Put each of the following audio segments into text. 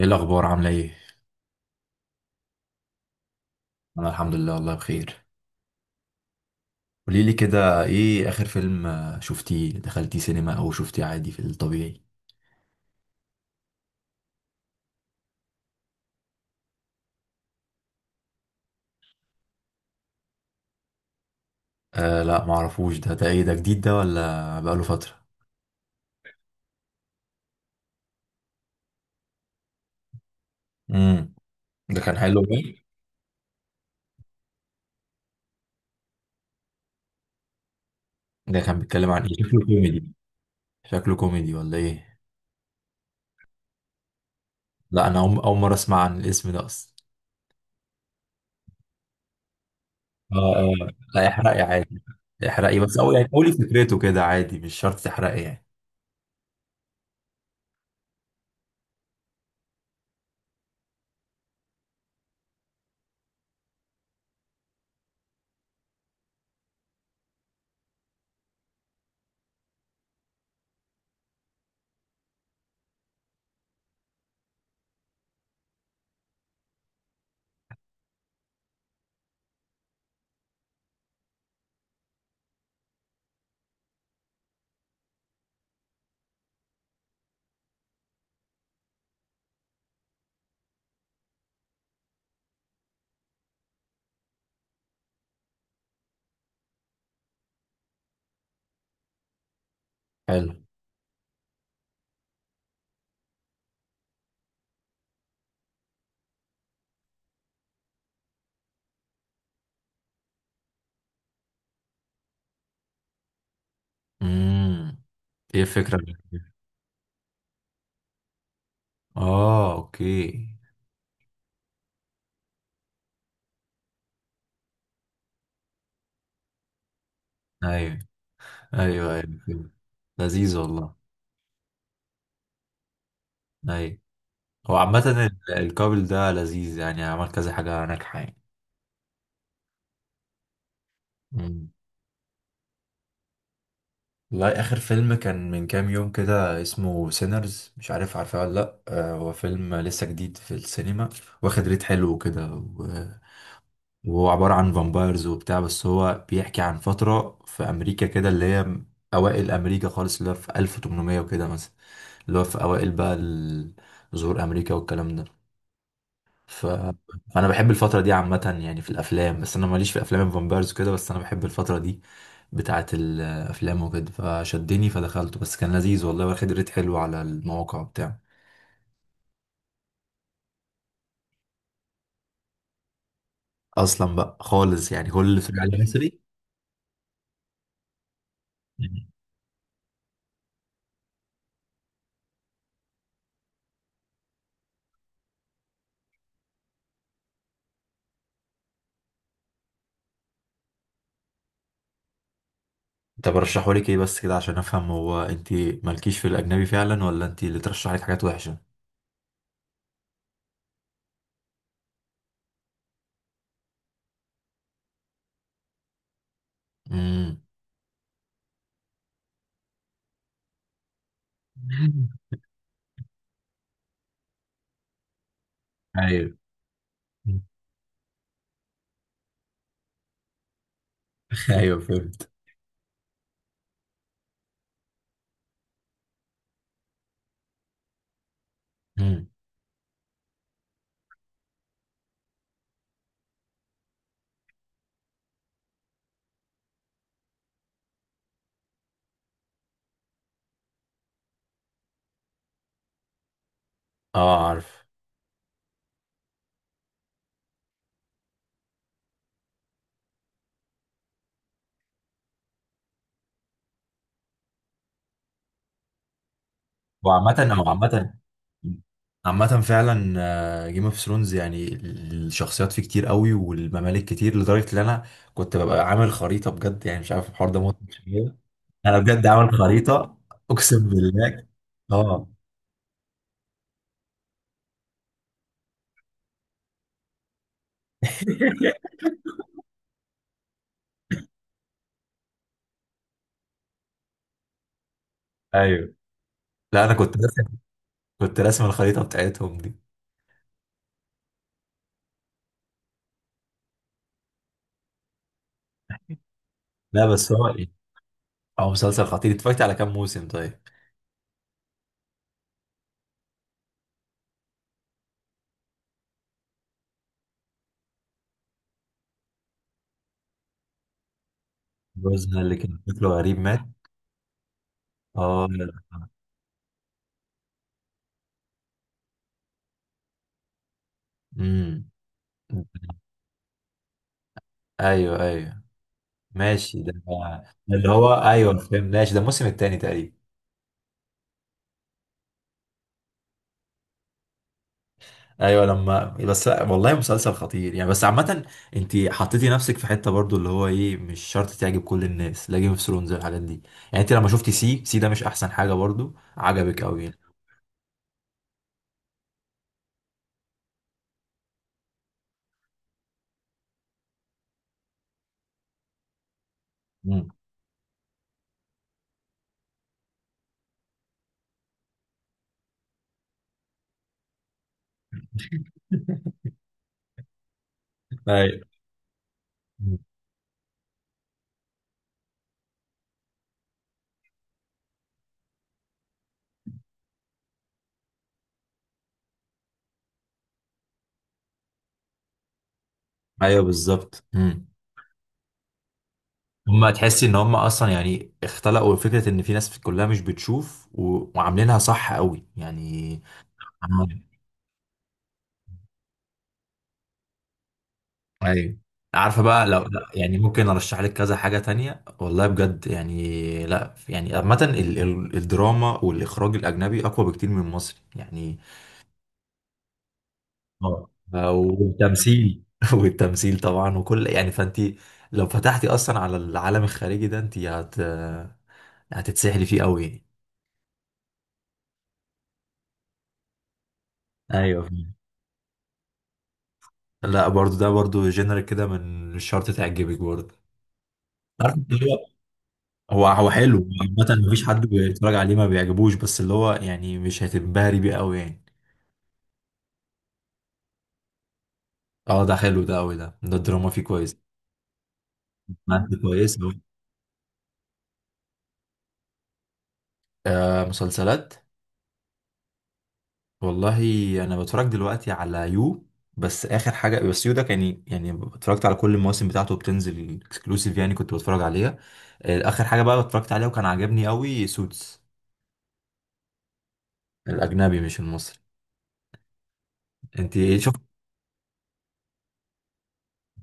ايه الاخبار؟ عامله ايه؟ انا الحمد لله والله بخير. قولي لي كده، ايه اخر فيلم؟ شفتيه؟ دخلتيه سينما او شفتيه عادي في الطبيعي؟ لا معرفوش ده ايه؟ ده جديد ده ولا بقاله فتره؟ امم. ده كان حلو بقى. ده كان بيتكلم عن ايه؟ شكله كوميدي؟ شكله كوميدي ولا ايه؟ لا انا اول مره اسمع عن الاسم ده اصلا. اه اه. لا احرقي عادي. احرقي بس، او يعني قولي فكرته كده عادي، مش شرط تحرقي يعني. حلو. امم. ايه الفكره؟ اه اوكي. ايوه، ايوه، ايوه، فيلم لذيذ والله. ايوه. هو عامة، الكابل ده لذيذ يعني، عمل كذا حاجة ناجحة يعني. مم. والله آخر فيلم كان من كام يوم كده، اسمه سينرز. مش عارف عارفه ولا لأ، هو فيلم لسه جديد في السينما، واخد ريت حلو وكده وهو عبارة عن فامبايرز وبتاع. بس هو بيحكي عن فترة في أمريكا كده، اللي هي أوائل أمريكا خالص، اللي هو في 1800 وكده مثلا، اللي هو في أوائل بقى ظهور أمريكا والكلام ده. ف... فانا بحب الفتره دي عامه يعني في الافلام، بس انا ماليش في افلام الفامبيرز كده، بس انا بحب الفتره دي بتاعه الافلام وكده. فشدني فدخلته، بس كان لذيذ والله، واخد ريت حلو على المواقع بتاع. اصلا بقى خالص، يعني كل اللي بتقول عليه مصري. انت برشحه لك ايه بس كده عشان افهم؟ هو انت مالكيش في الاجنبي فعلا، ولا انت اللي ترشح لك حاجات وحشه؟ امم. ايوه. ايوه فهمت. امم. اه عارف. وعامة او عامة عامة فعلا جيم اوف ثرونز يعني الشخصيات فيه كتير قوي والممالك كتير، لدرجة ان انا كنت ببقى عامل خريطة بجد يعني. مش عارف الحوار ده، موت مش كده. انا بجد عامل خريطة، اقسم بالله. اه. ايوه. لا انا كنت راسم الخريطة بتاعتهم دي. لا بس هو ايه، هو مسلسل خطير. اتفرجت على كام موسم طيب؟ جوزها اللي كان شكله غريب مات؟ اه. امم. ايوه ايوه ماشي ده. ده اللي هو، ايوه فهمت، ماشي ده الموسم الثاني تقريبا. ايوه، لما بس والله مسلسل خطير يعني. بس عامة، انت حطيتي نفسك في حتة برضو اللي هو ايه، مش شرط تعجب كل الناس. لا جيم اوف ثرونز الحاجات دي. يعني انت لما شفتي سي ده، مش احسن حاجة برضو؟ عجبك قوي يعني. مم. ايوه. مم. ايوه بالظبط. مم. هما تحسي ان هما اصلا يعني اختلقوا فكرة ان في ناس كلها مش بتشوف وعاملينها صح قوي يعني. ايوه. عارفه بقى لو لا يعني ممكن ارشح لك كذا حاجه تانية والله بجد يعني. لا يعني عامه، الدراما والاخراج الاجنبي اقوى بكتير من المصري يعني. اه، والتمثيل والتمثيل طبعا وكل يعني. فانت لو فتحتي اصلا على العالم الخارجي ده انت هتتسحلي فيه قوي يعني. ايوه فاهم. لا برضو، ده برضو جنرال كده، من الشرط تعجبك برضو. عارف، هو حلو عامة، مفيش حد بيتفرج عليه ما بيعجبوش، بس اللي هو يعني مش هتنبهري بيه قوي يعني. اه ده حلو، ده قوي ده الدراما فيه كويس. مادة كويس قوي. آه مسلسلات. والله انا بتفرج دلوقتي على يو. بس اخر حاجة، بس يو ده كان يعني اتفرجت على كل المواسم بتاعته، بتنزل اكسكلوسيف يعني كنت بتفرج عليها. اخر حاجة بقى اتفرجت عليها وكان عاجبني قوي سوتس. الاجنبي مش المصري. انت شفت؟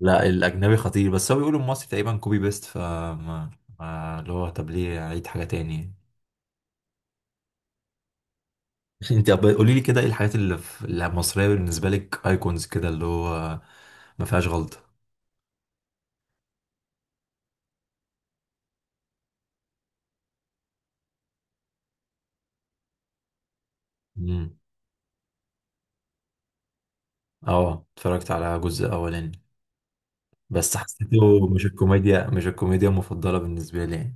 لا الاجنبي خطير. بس هو بيقولوا المصري تقريبا كوبي بيست، فما ما- ما- اللي هو طب ليه اعيد حاجه تاني. انت طب قولي لي كده ايه الحاجات اللي المصريه بالنسبه لك ايكونز كده اللي هو ما فيهاش غلطه. امم. اه اتفرجت على جزء اولاني، بس حسيته، مش الكوميديا المفضله بالنسبه لي يعني.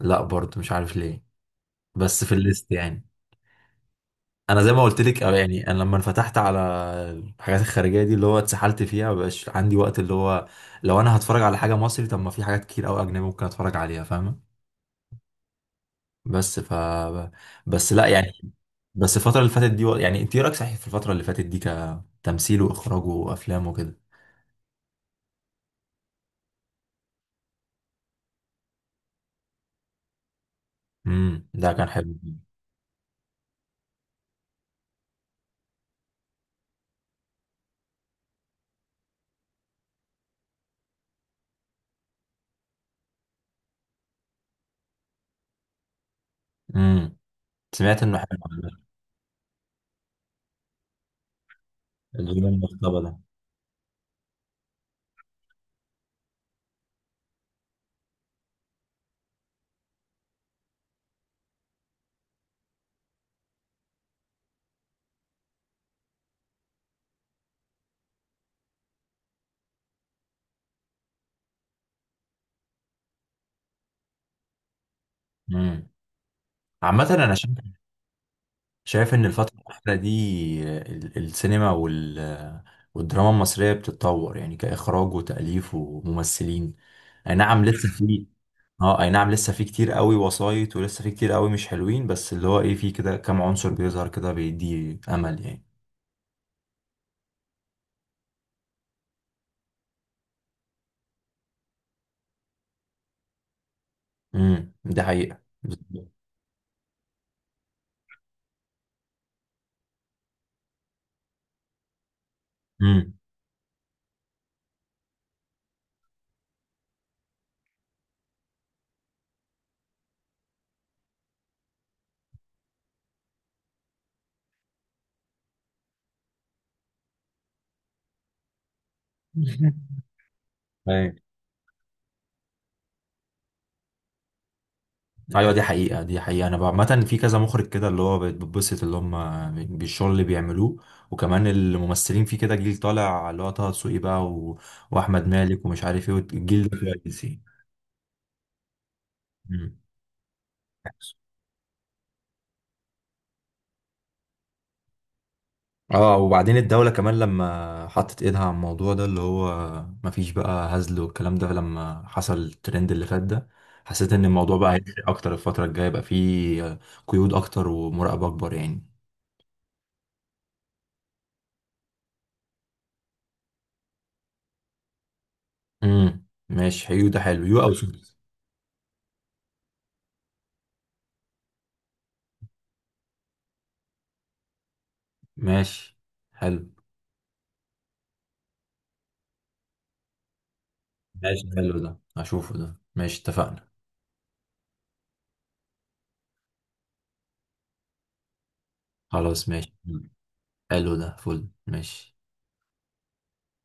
لا برضه مش عارف ليه، بس في الليست يعني. انا زي ما قلت لك، أو يعني انا لما انفتحت على الحاجات الخارجيه دي اللي هو اتسحلت فيها، مبقاش عندي وقت. اللي هو لو انا هتفرج على حاجه مصري، طب ما في حاجات كتير قوي اجنبي ممكن اتفرج عليها، فاهمه؟ بس ف بس لا يعني. بس الفتره اللي فاتت دي يعني انت إيه رايك صحيح في الفتره اللي فاتت دي كتمثيل واخراج وافلام وكده. امم، ده كان حلو. امم، سمعت انه حلو. الفيلم المختبر ده؟ امم. عامه انا شايف ان الفترة الأخيرة دي، السينما والدراما المصرية بتتطور يعني كإخراج وتأليف وممثلين. أي نعم لسه في. كتير قوي وسايط ولسه في كتير قوي مش حلوين، بس اللي هو ايه، في كده كام عنصر بيظهر كده بيدي أمل يعني. امم، دي حقيقة بالظبط. امم. ايوه، دي حقيقة. انا عامة في كذا مخرج كده اللي هو بتبسط اللي هم بالشغل اللي بيعملوه. وكمان الممثلين، في كده جيل طالع اللي هو طه دسوقي بقى واحمد مالك ومش عارف ايه. الجيل ده كويس يعني. مم. اه، وبعدين الدولة كمان لما حطت ايدها على الموضوع ده اللي هو مفيش بقى هزل والكلام ده، لما حصل الترند اللي فات ده، حسيت ان الموضوع بقى هيفرق اكتر الفترة الجاية. يبقى فيه قيود اكتر ومراقبة اكبر يعني. امم، ماشي. حلو ده، حلو يو او سوس. ماشي. حلو. ماشي حلو، ده هشوفه ده، ماشي اتفقنا. خلاص ماشي. حلو ده فل، ماشي.